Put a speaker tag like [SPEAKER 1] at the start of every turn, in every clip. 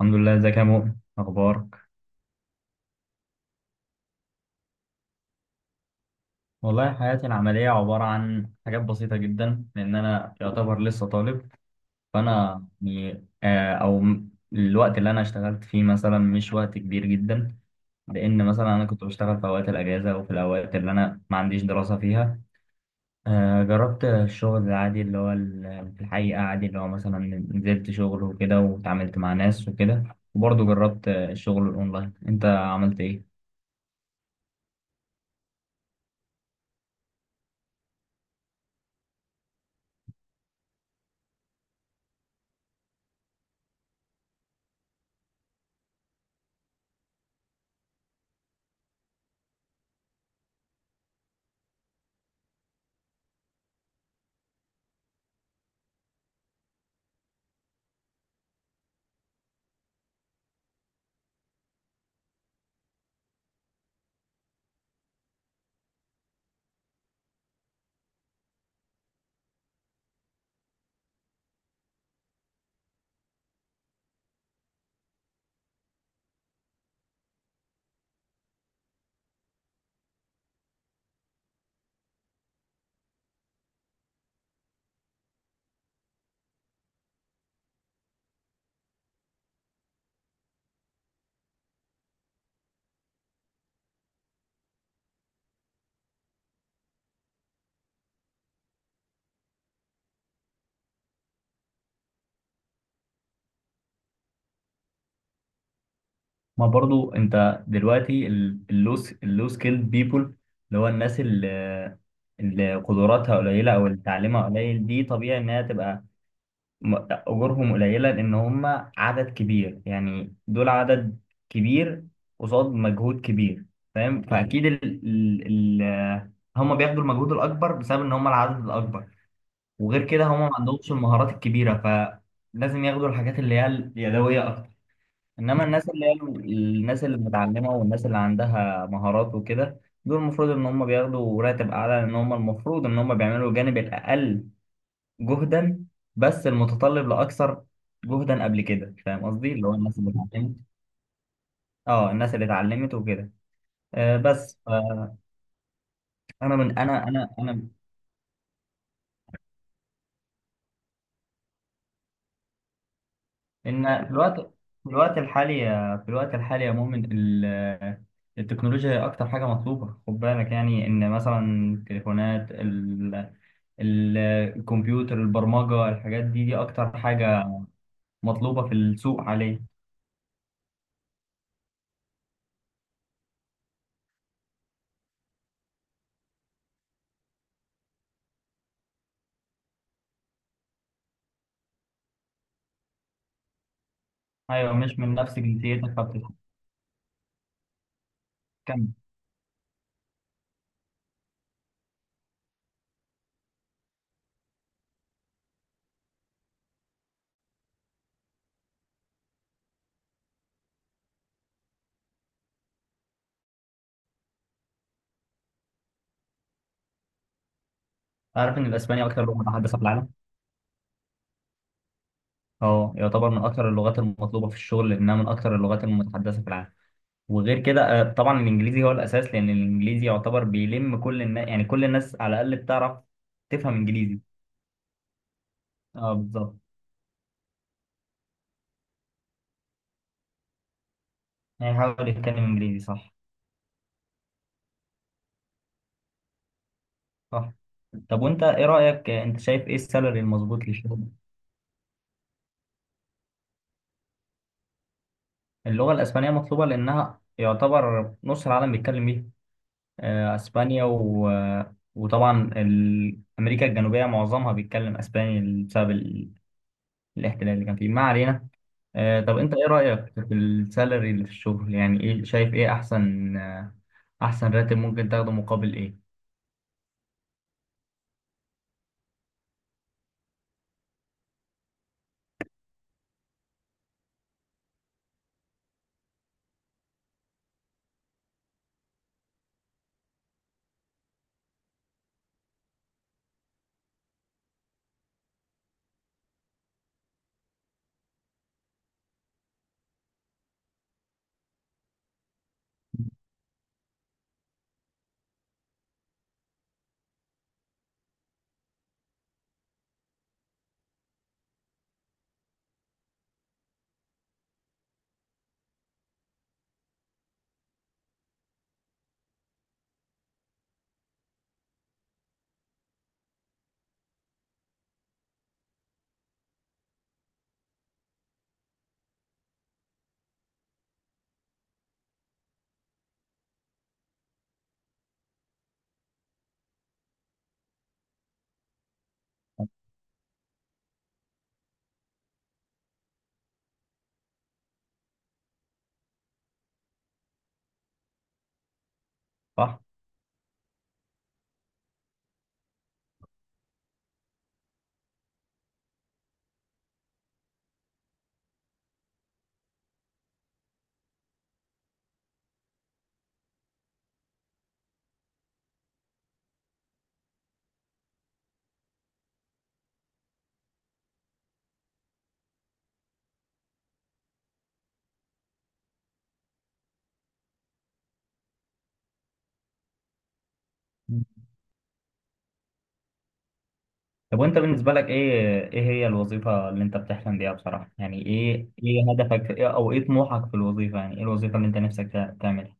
[SPEAKER 1] الحمد لله، ازيك يا مؤمن؟ اخبارك؟ والله حياتي العمليه عباره عن حاجات بسيطه جدا، لان انا يعتبر لسه طالب. فانا يعني الوقت اللي انا اشتغلت فيه مثلا مش وقت كبير جدا، لان مثلا انا كنت بشتغل في اوقات الاجازه وفي الاوقات اللي انا ما عنديش دراسه فيها. جربت الشغل العادي اللي هو في الحقيقه عادي، اللي هو مثلا نزلت شغل وكده وتعاملت مع ناس وكده. وبرضه جربت الشغل الاونلاين. انت عملت ايه؟ ما برضو انت دلوقتي اللو سكيلد بيبول، اللي هو الناس اللي قدراتها قليله او اللي تعليمها قليل، دي طبيعي انها تبقى اجورهم قليله، لان هم عدد كبير. يعني دول عدد كبير قصاد مجهود كبير، فاهم؟ مم. فاكيد ال ال ال هم بياخدوا المجهود الاكبر بسبب ان هم العدد الاكبر، وغير كده هم ما عندهمش المهارات الكبيره، فلازم ياخدوا الحاجات اللي هي اليدويه اكتر. انما الناس اللي هي الناس اللي متعلمه والناس اللي عندها مهارات وكده، دول المفروض ان هم بياخدوا راتب اعلى، لان هم المفروض ان هم بيعملوا الجانب الاقل جهدا، بس المتطلب لاكثر جهدا. قبل كده فاهم قصدي، اللي هو الناس اللي اتعلمت، اه الناس اللي اتعلمت وكده. آه بس آه انا من انا انا انا ان في الوقت، في الوقت الحالي في الوقت الحالي يا مؤمن التكنولوجيا هي اكتر حاجه مطلوبه. خد بالك يعني ان مثلا التليفونات، ال- الكمبيوتر، البرمجة، الحاجات دي دي أكتر حاجة مطلوبة في السوق حاليا. أيوة، مش من نفس جنسيتك فبتتكلم. عارف إن الأسباني أكتر لغة متحدثة في العالم؟ أه، يعتبر من أكتر اللغات المطلوبة في الشغل، لأنها من أكتر اللغات المتحدثة في العالم. وغير كده طبعا الإنجليزي هو الأساس، لأن الإنجليزي يعتبر بيلم كل الناس، يعني كل الناس على الأقل بتعرف تفهم إنجليزي. أه بالظبط. يعني يحاول يتكلم إنجليزي، صح. صح. طب وأنت إيه رأيك؟ أنت شايف إيه السالري المظبوط للشغل؟ اللغة الإسبانية مطلوبة لأنها يعتبر نص العالم بيتكلم بيها. أسبانيا، و... آه، وطبعا أمريكا الجنوبية معظمها بيتكلم أسباني بسبب الاحتلال اللي كان فيه. ما علينا. طب أنت إيه رأيك في السالري اللي في الشغل؟ يعني إيه شايف إيه أحسن، أحسن راتب ممكن تاخده مقابل إيه؟ صح؟ مم. طب وأنت بالنسبة لك إيه إيه هي الوظيفة اللي أنت بتحلم بيها بصراحة؟ يعني إيه إيه هدفك في... أو إيه طموحك في الوظيفة؟ يعني إيه الوظيفة اللي أنت نفسك تعملها؟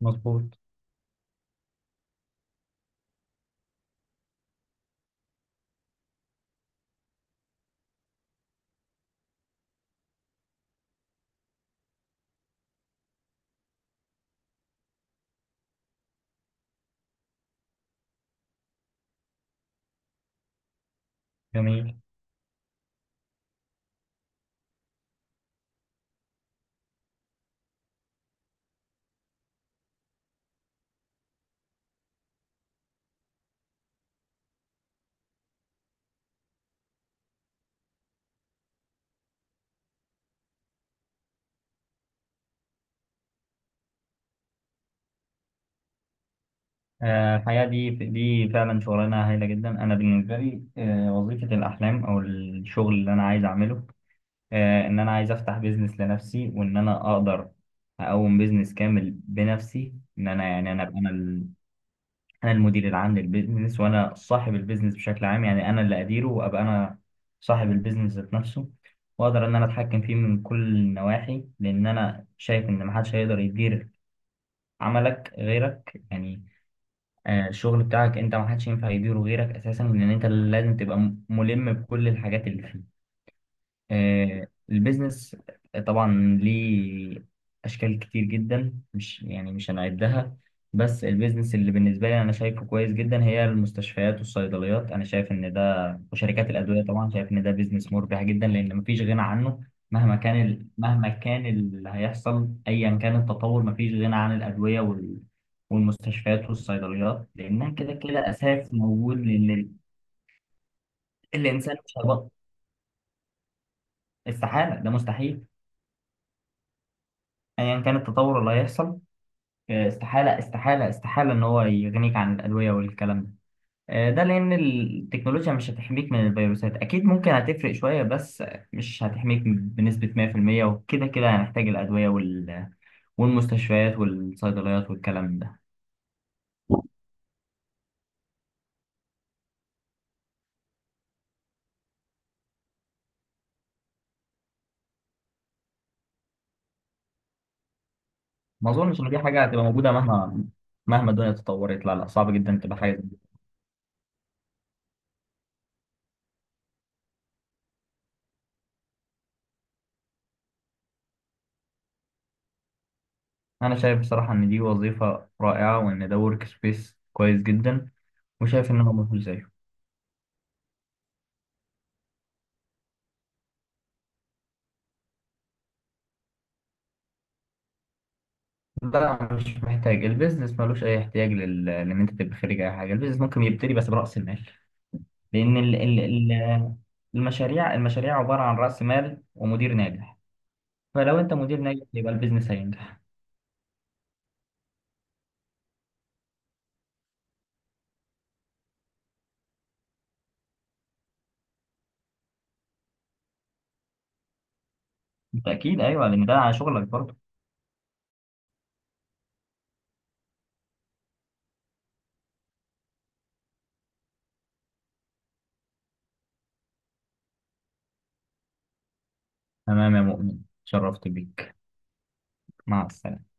[SPEAKER 1] مظبوط. جميل. الحقيقة دي دي فعلا شغلانة هايلة جدا. أنا بالنسبة لي وظيفة الأحلام أو الشغل اللي أنا عايز أعمله، إن أنا عايز أفتح بيزنس لنفسي، وإن أنا أقدر أقوم بيزنس كامل بنفسي، إن أنا يعني أنا أبقى أنا المدير العام للبيزنس، وأنا صاحب البيزنس بشكل عام. يعني أنا اللي أديره، وأبقى أنا صاحب البيزنس ذات نفسه، وأقدر إن أنا أتحكم فيه من كل النواحي، لأن أنا شايف إن محدش هيقدر يدير عملك غيرك يعني. الشغل بتاعك انت ما حدش ينفع يديره غيرك اساسا، لان انت لازم تبقى ملم بكل الحاجات اللي فيه. البيزنس طبعا ليه أشكال كتير جدا، مش يعني مش هنعدها. بس البيزنس اللي بالنسبة لي أنا شايفه كويس جدا هي المستشفيات والصيدليات. أنا شايف إن ده، وشركات الأدوية طبعا، شايف إن ده بيزنس مربح جدا لأن مفيش غنى عنه. مهما كان اللي هيحصل، أيا كان التطور، مفيش غنى عن الأدوية والمستشفيات والصيدليات، لأنها كده كده أساس موجود. لأن الإنسان مش هيبطل، استحالة، ده مستحيل. ايا كان التطور اللي هيحصل، استحاله استحاله استحاله ان هو يغنيك عن الادويه والكلام ده. ده لان التكنولوجيا مش هتحميك من الفيروسات اكيد، ممكن هتفرق شويه بس مش هتحميك بنسبه 100%، وكده كده هنحتاج الادويه والمستشفيات والصيدليات والكلام ده. ما اظنش ان دي حاجه هتبقى موجوده، مهما الدنيا تطورت. لا لا، صعب جدا تبقى حاجه زي دي. انا شايف بصراحه ان دي وظيفه رائعه، وان ده ورك سبيس كويس جدا، وشايف ان هو مفيش زيه. لا، مش محتاج، البيزنس ملوش اي احتياج لل... لان انت تبقى خارج اي حاجه، البيزنس ممكن يبتدي بس براس المال. لان المشاريع عباره عن راس مال ومدير ناجح. فلو انت مدير ناجح يبقى البيزنس هينجح. بالتاكيد ايوه، لان ده شغلك برضه. تمام يا مؤمن، شرفت بيك. مع السلامه.